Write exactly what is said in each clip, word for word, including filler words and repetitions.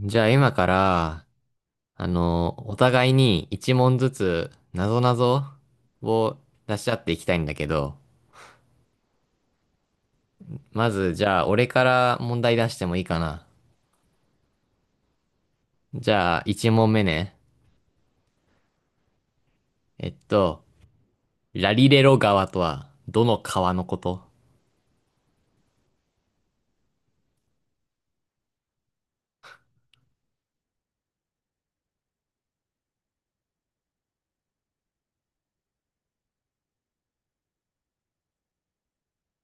じゃあ今から、あの、お互いに一問ずつ、なぞなぞを出し合っていきたいんだけど、まずじゃあ俺から問題出してもいいかな。じゃあ一問目ね。えっと、ラリレロ川とは、どの川のこと？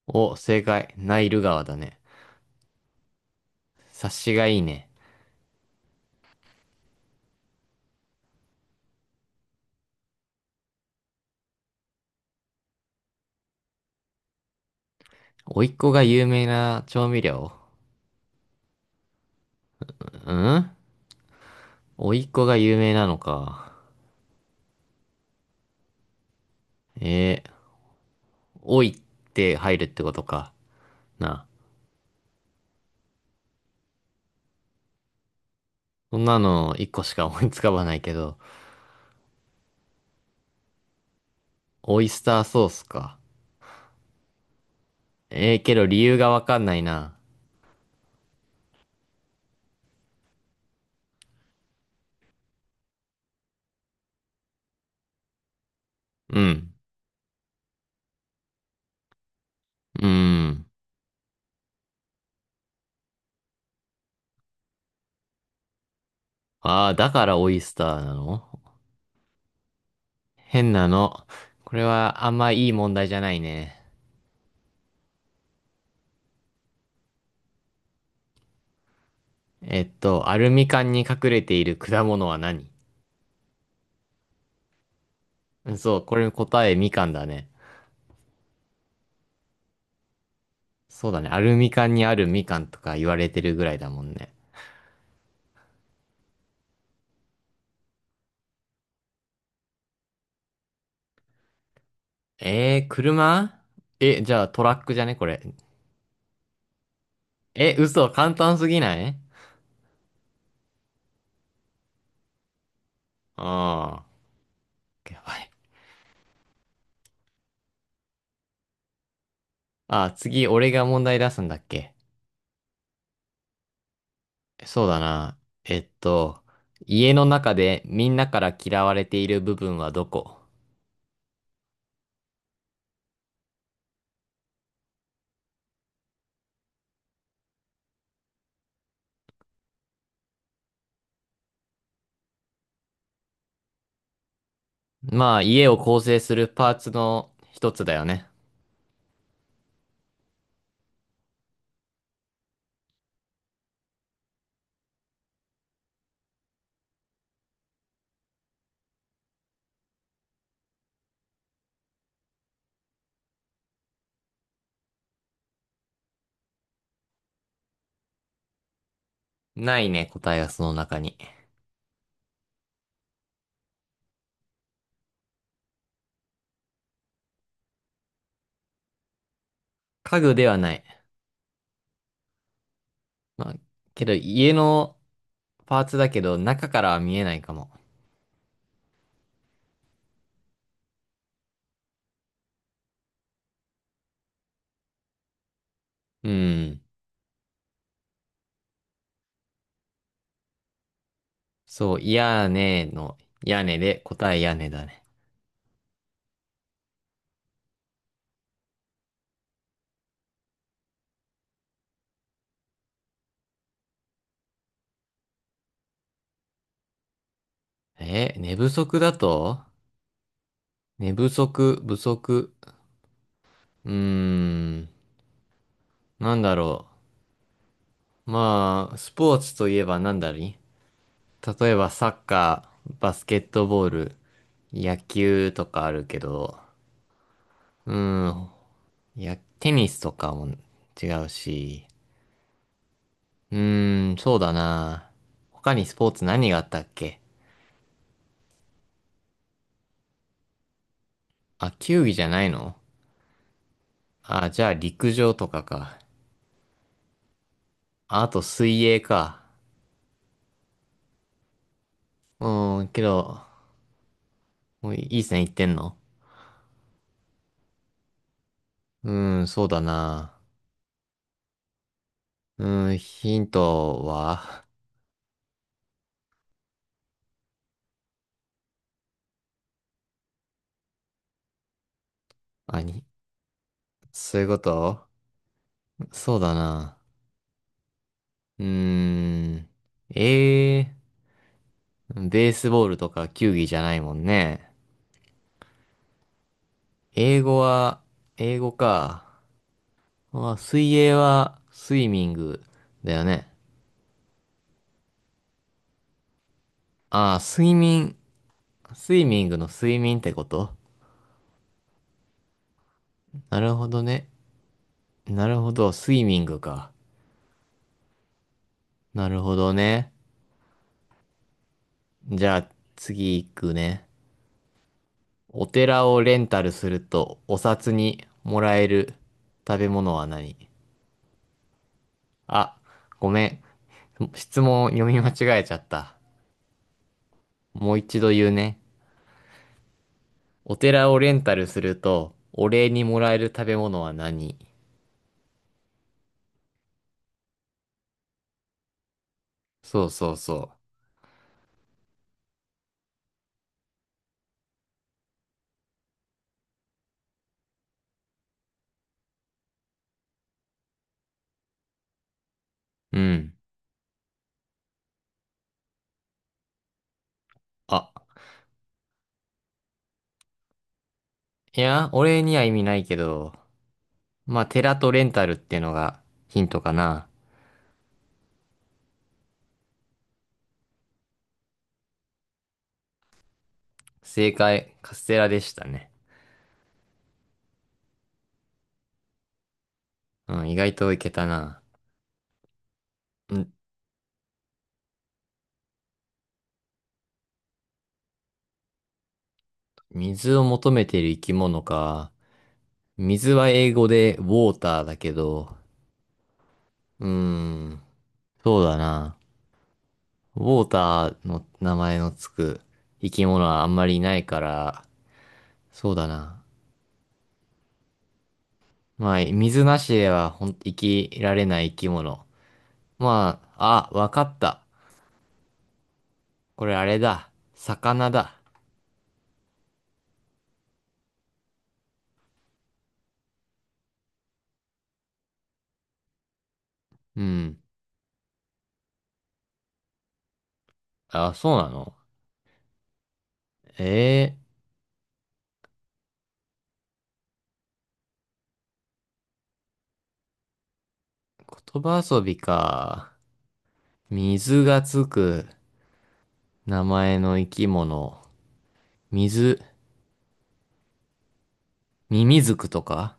お、正解。ナイル川だね。察しがいいね。甥っ子が有名な調味料？うん、甥っ子が有名なのか。えー、おいって入るってことか。なあ、そんなの一個しか思いつかばないけど、オイスターソースか。ええー、けど理由がわかんないな。うん。うーん。ああ、だからオイスターなの？変なの。これはあんまいい問題じゃないね。えっと、アルミ缶に隠れている果物は何？うん、そう、これ答えみかんだね。そうだね。アルミ缶にあるみかんとか言われてるぐらいだもんね。えー、車？え、じゃあトラックじゃねこれ。え、嘘、簡単すぎない？ああー。やばい。あ、次、俺が問題出すんだっけ？そうだな。えっと、家の中でみんなから嫌われている部分はどこ？まあ、家を構成するパーツの一つだよね。ないね、答えがその中に。家具ではない。まあ、けど家のパーツだけど中からは見えないかも。うん。そう、屋根の屋根で答え屋根だね。え、寝不足だと、寝不足、不足。うーん。なんだろう。まあ、スポーツといえば何だり、例えばサッカー、バスケットボール、野球とかあるけど、うん、いや、テニスとかも違うし、うーん、そうだな。他にスポーツ何があったっけ？あ、球技じゃないの？あ、じゃあ陸上とかか。あ、あと水泳か。うん、けど、もういい線いってんの？うん、そうだな。うん、ヒントは、あに、そういうこと？そうだな。うーん。ええー、ベースボールとか球技じゃないもんね。英語は、英語か。あ、水泳は、スイミングだよね。ああ、睡眠、スイミングの睡眠ってこと？なるほどね。なるほど、スイミングか。なるほどね。じゃあ、次行くね。お寺をレンタルすると、お札にもらえる食べ物は何？あ、ごめん。質問読み間違えちゃった。もう一度言うね。お寺をレンタルすると、お礼にもらえる食べ物は何？そうそうそう。うん。あ、いや、お礼には意味ないけど、まあ、寺とレンタルってのがヒントかな。正解、カステラでしたね。うん、意外といけたな。うん、水を求めている生き物か。水は英語でウォーターだけど、うーん、そうだな。ウォーターの名前のつく生き物はあんまりいないから、そうだな。まあ、水なしではほん、生きられない生き物。まあ、あ、わかった。これあれだ。魚だ。うん。あ、そうなの？ええー、言葉遊びか。水がつく名前の生き物。水、ミミズクとか、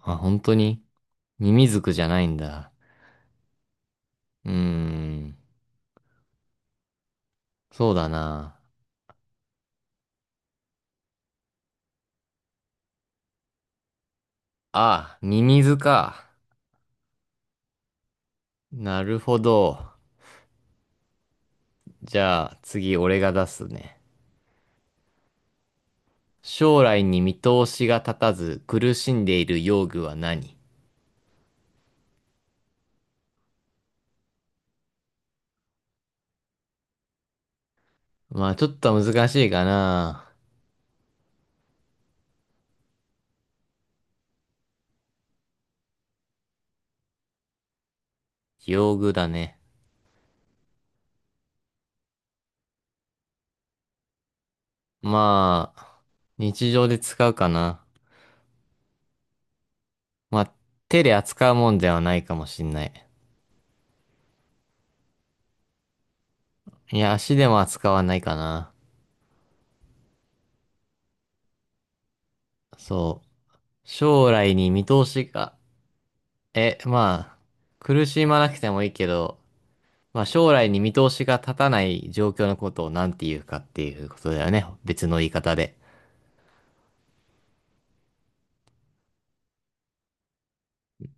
あ、本当にミミズクじゃないんだ。うーん、そうだな。あ、ミミズか。なるほど。じゃあ、次俺が出すね。将来に見通しが立たず苦しんでいる用具は何？まあ、ちょっと難しいかな。用具だね。まあ、日常で使うかな。まあ、手で扱うもんではないかもしんない。いや、足でも扱わないかな。そう。将来に見通しが、え、まあ、苦しまなくてもいいけど、まあ、将来に見通しが立たない状況のことを何て言うかっていうことだよね。別の言い方で。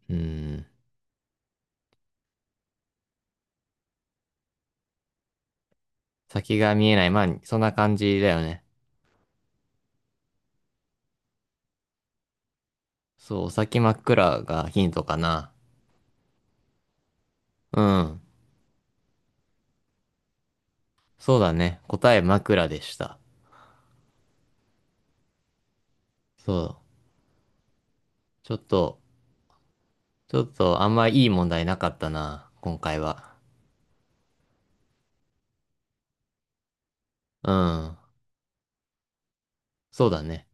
うん。先が見えない。まあ、そんな感じだよね。そう、お先真っ暗がヒントかな。うん。そうだね。答え枕でした。そう。ちょっと、ちょっとあんまいい問題なかったな。今回は。うん。そうだね。